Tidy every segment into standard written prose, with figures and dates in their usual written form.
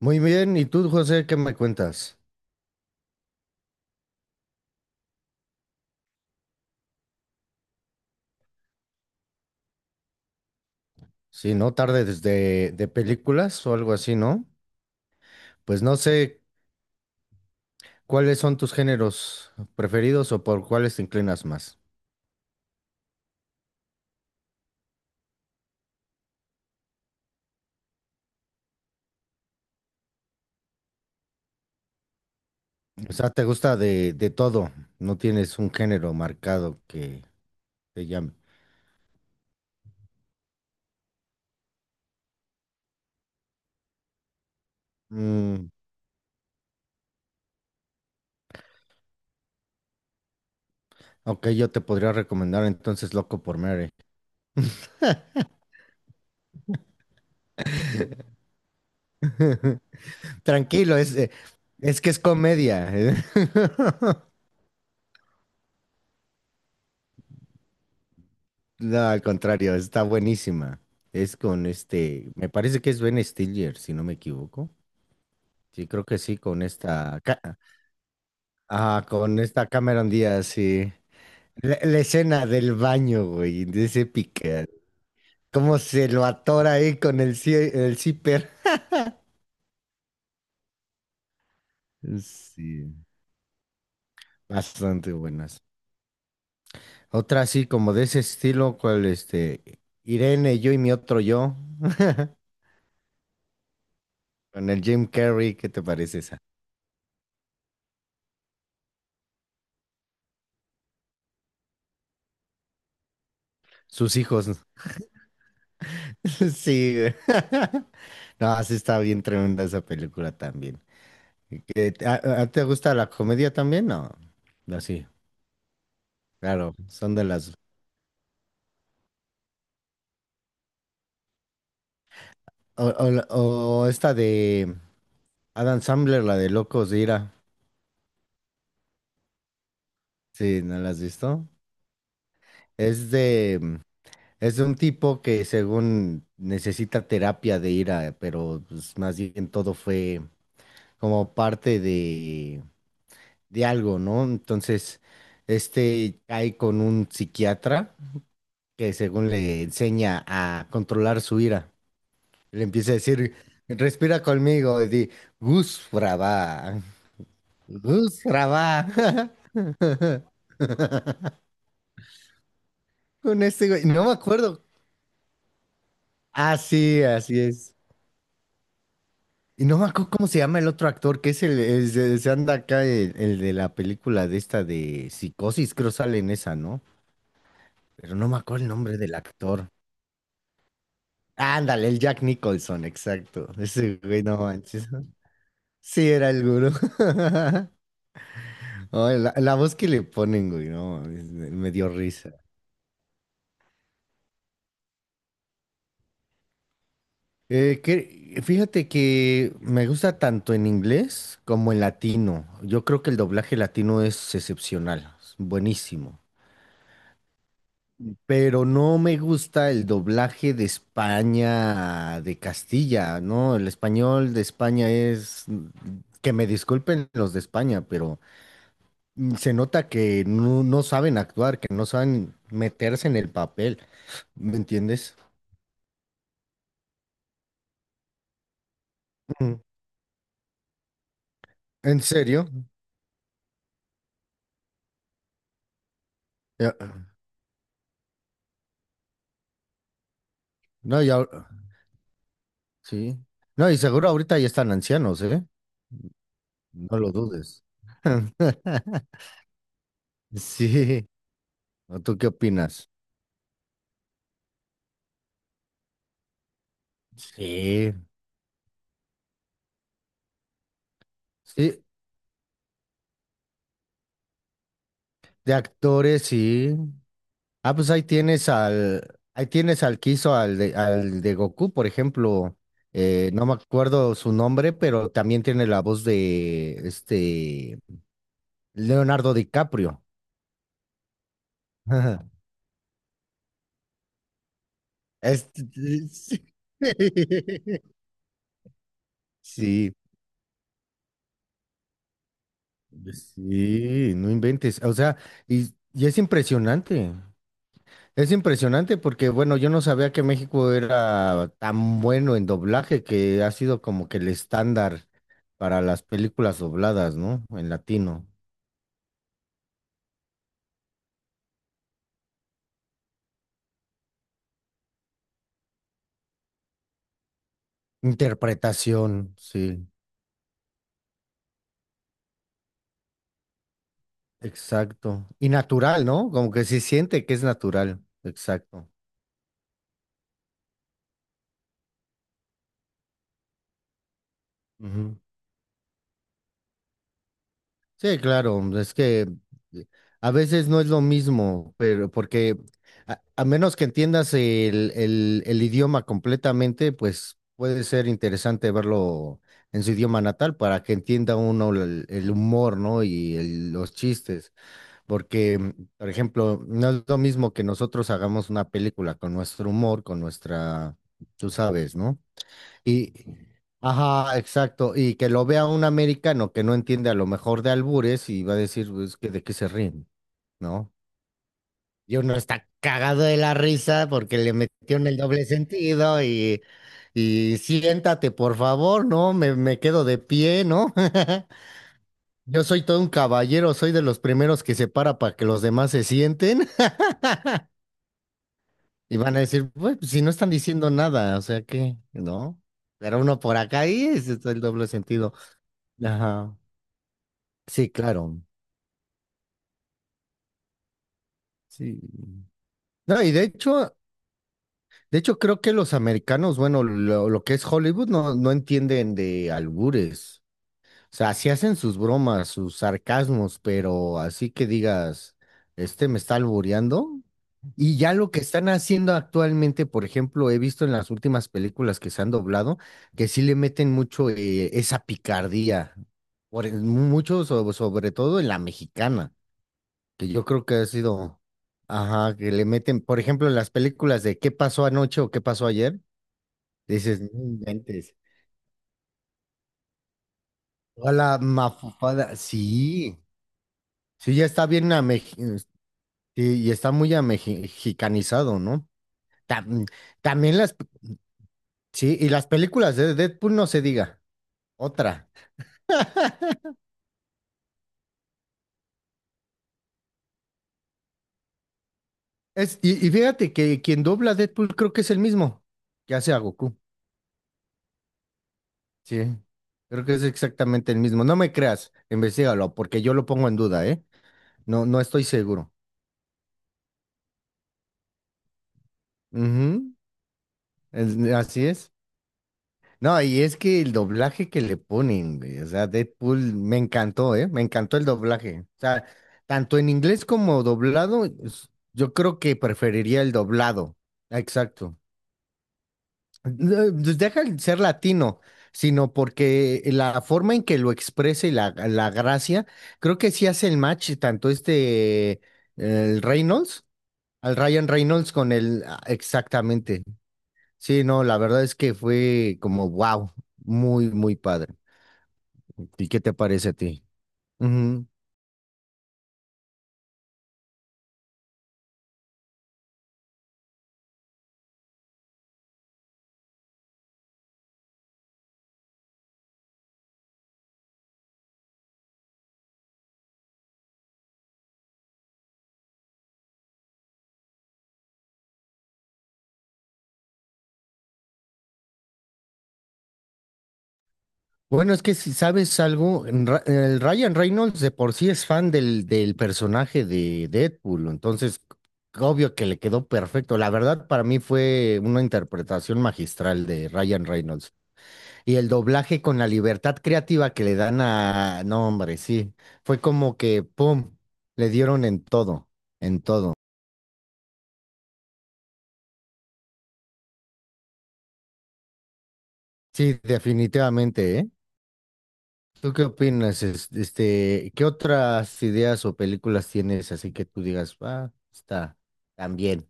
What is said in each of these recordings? Muy bien, ¿y tú, José, qué me cuentas? Si no tardes de películas o algo así, ¿no? Pues no sé cuáles son tus géneros preferidos o por cuáles te inclinas más. O sea, te gusta de todo, no tienes un género marcado que te llame. Mm, ok, yo te podría recomendar entonces Loco por Mary. Tranquilo, es que es comedia. No, al contrario, está buenísima. Es con este, me parece que es Ben Stiller, si no me equivoco. Sí, creo que sí, con esta, ah, con esta Cameron Díaz, sí. La escena del baño, güey, de ese pique. Cómo se lo atora ahí con el, el zipper. Sí, bastante buenas. Otra así como de ese estilo, cual este, Irene, yo y mi otro yo, con el Jim Carrey, ¿qué te parece esa? Sus hijos. ¿No? Sí, güey. No, así está bien tremenda esa película también. ¿Te gusta la comedia también? No. No, sí, claro, son de las... O, o esta de Adam Sandler, la de Locos de Ira. Sí, ¿no la has visto? Es de... mm, Es de un tipo que según necesita terapia de ira, pero pues, más bien todo fue como parte de algo, ¿no? Entonces, este cae con un psiquiatra que según le enseña a controlar su ira. Le empieza a decir, respira conmigo, y di, Gus Brava, Gus Brava, con este güey, no me acuerdo. Ah, sí, así es. Y no me acuerdo cómo se llama el otro actor, que es el, se anda acá el de la película de esta de Psicosis, creo sale en esa, ¿no? Pero no me acuerdo el nombre del actor. Ándale, el Jack Nicholson, exacto. Ese güey, no manches. Sí, era el gurú. Ay, la voz que le ponen, güey, no, mames, me dio risa. Fíjate que me gusta tanto en inglés como en latino. Yo creo que el doblaje latino es excepcional, es buenísimo. Pero no me gusta el doblaje de España, de Castilla, ¿no? El español de España es... Que me disculpen los de España, pero se nota que no, no saben actuar, que no saben meterse en el papel, ¿me entiendes? ¿En serio? Ya- no, ya, sí. No, y seguro ahorita ya están ancianos, ¿eh? No lo dudes. Sí. ¿O ¿Tú qué opinas? Sí. Sí, de actores, sí. Ah, pues ahí tienes al que hizo al de Goku, por ejemplo. No me acuerdo su nombre, pero también tiene la voz de este Leonardo DiCaprio. Este, sí. Sí, no inventes. O sea, y es impresionante. Es impresionante porque, bueno, yo no sabía que México era tan bueno en doblaje que ha sido como que el estándar para las películas dobladas, ¿no? En latino. Interpretación, sí, exacto. Y natural, ¿no? Como que se siente que es natural, exacto. Sí, claro, es que a veces no es lo mismo, pero porque a menos que entiendas el idioma completamente, pues puede ser interesante verlo en su idioma natal para que entienda uno el humor, ¿no? Y los chistes, porque, por ejemplo, no es lo mismo que nosotros hagamos una película con nuestro humor, con nuestra, tú sabes, ¿no? Y, ajá, exacto. Y que lo vea un americano que no entiende a lo mejor de albures y va a decir, pues, que de qué se ríen, ¿no? Y uno está cagado de la risa porque le metió en el doble sentido y siéntate, por favor, ¿no? Me quedo de pie, ¿no? Yo soy todo un caballero, soy de los primeros que se para que los demás se sienten y van a decir, "Bueno, pues, si no están diciendo nada, o sea que, ¿no? Pero uno por acá y ese es el doble sentido. Ajá. Sí, claro. Sí. No, y de hecho creo que los americanos, bueno, lo que es Hollywood no, no entienden de albures. O sea, sí hacen sus bromas, sus sarcasmos, pero así que digas, este me está albureando. Y ya lo que están haciendo actualmente, por ejemplo, he visto en las últimas películas que se han doblado, que sí le meten mucho esa picardía, mucho sobre todo en la mexicana. Que yo creo que ha sido, ajá, que le meten, por ejemplo, en las películas de ¿Qué pasó anoche o qué pasó ayer? Dices, no inventes. Toda la mafufada, sí, sí, ya está sí, y está muy amexicanizado, ¿no? Tam- también las, sí, y las películas de Deadpool no se diga, otra. Y fíjate que quien dobla a Deadpool creo que es el mismo que hace a Goku, sí. Creo que es exactamente el mismo. No me creas, investigalo, porque yo lo pongo en duda, ¿eh? No, no estoy seguro. Ujú, así es. No, y es que el doblaje que le ponen, güey, o sea, Deadpool me encantó, ¿eh? Me encantó el doblaje. O sea, tanto en inglés como doblado, yo creo que preferiría el doblado. Exacto. No, pues deja el ser latino, sino porque la forma en que lo expresa y la gracia, creo que sí hace el match tanto este, el Reynolds, al Ryan Reynolds con el, ah, exactamente. Sí, no, la verdad es que fue como wow, muy, muy padre. ¿Y qué te parece a ti? Ujú. Bueno, es que si sabes algo, el Ryan Reynolds de por sí es fan del, del personaje de Deadpool, entonces obvio que le quedó perfecto. La verdad, para mí fue una interpretación magistral de Ryan Reynolds. Y el doblaje con la libertad creativa que le dan a... No, hombre, sí, fue como que, ¡pum!, le dieron en todo, en todo. Sí, definitivamente, ¿eh? ¿Tú qué opinas? Este, ¿qué otras ideas o películas tienes así que tú digas, ah, está también?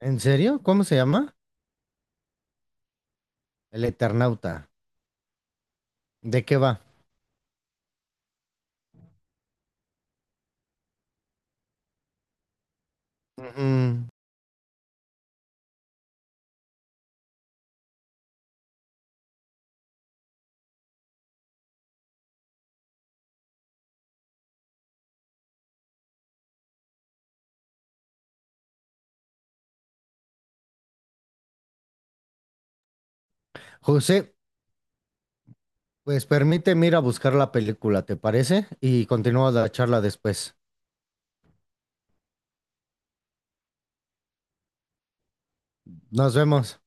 ¿En serio? ¿Cómo se llama? El Eternauta. ¿De qué va? Mm, José, pues permíteme ir a buscar la película, ¿te parece? Y continúa la charla después. Nos vemos.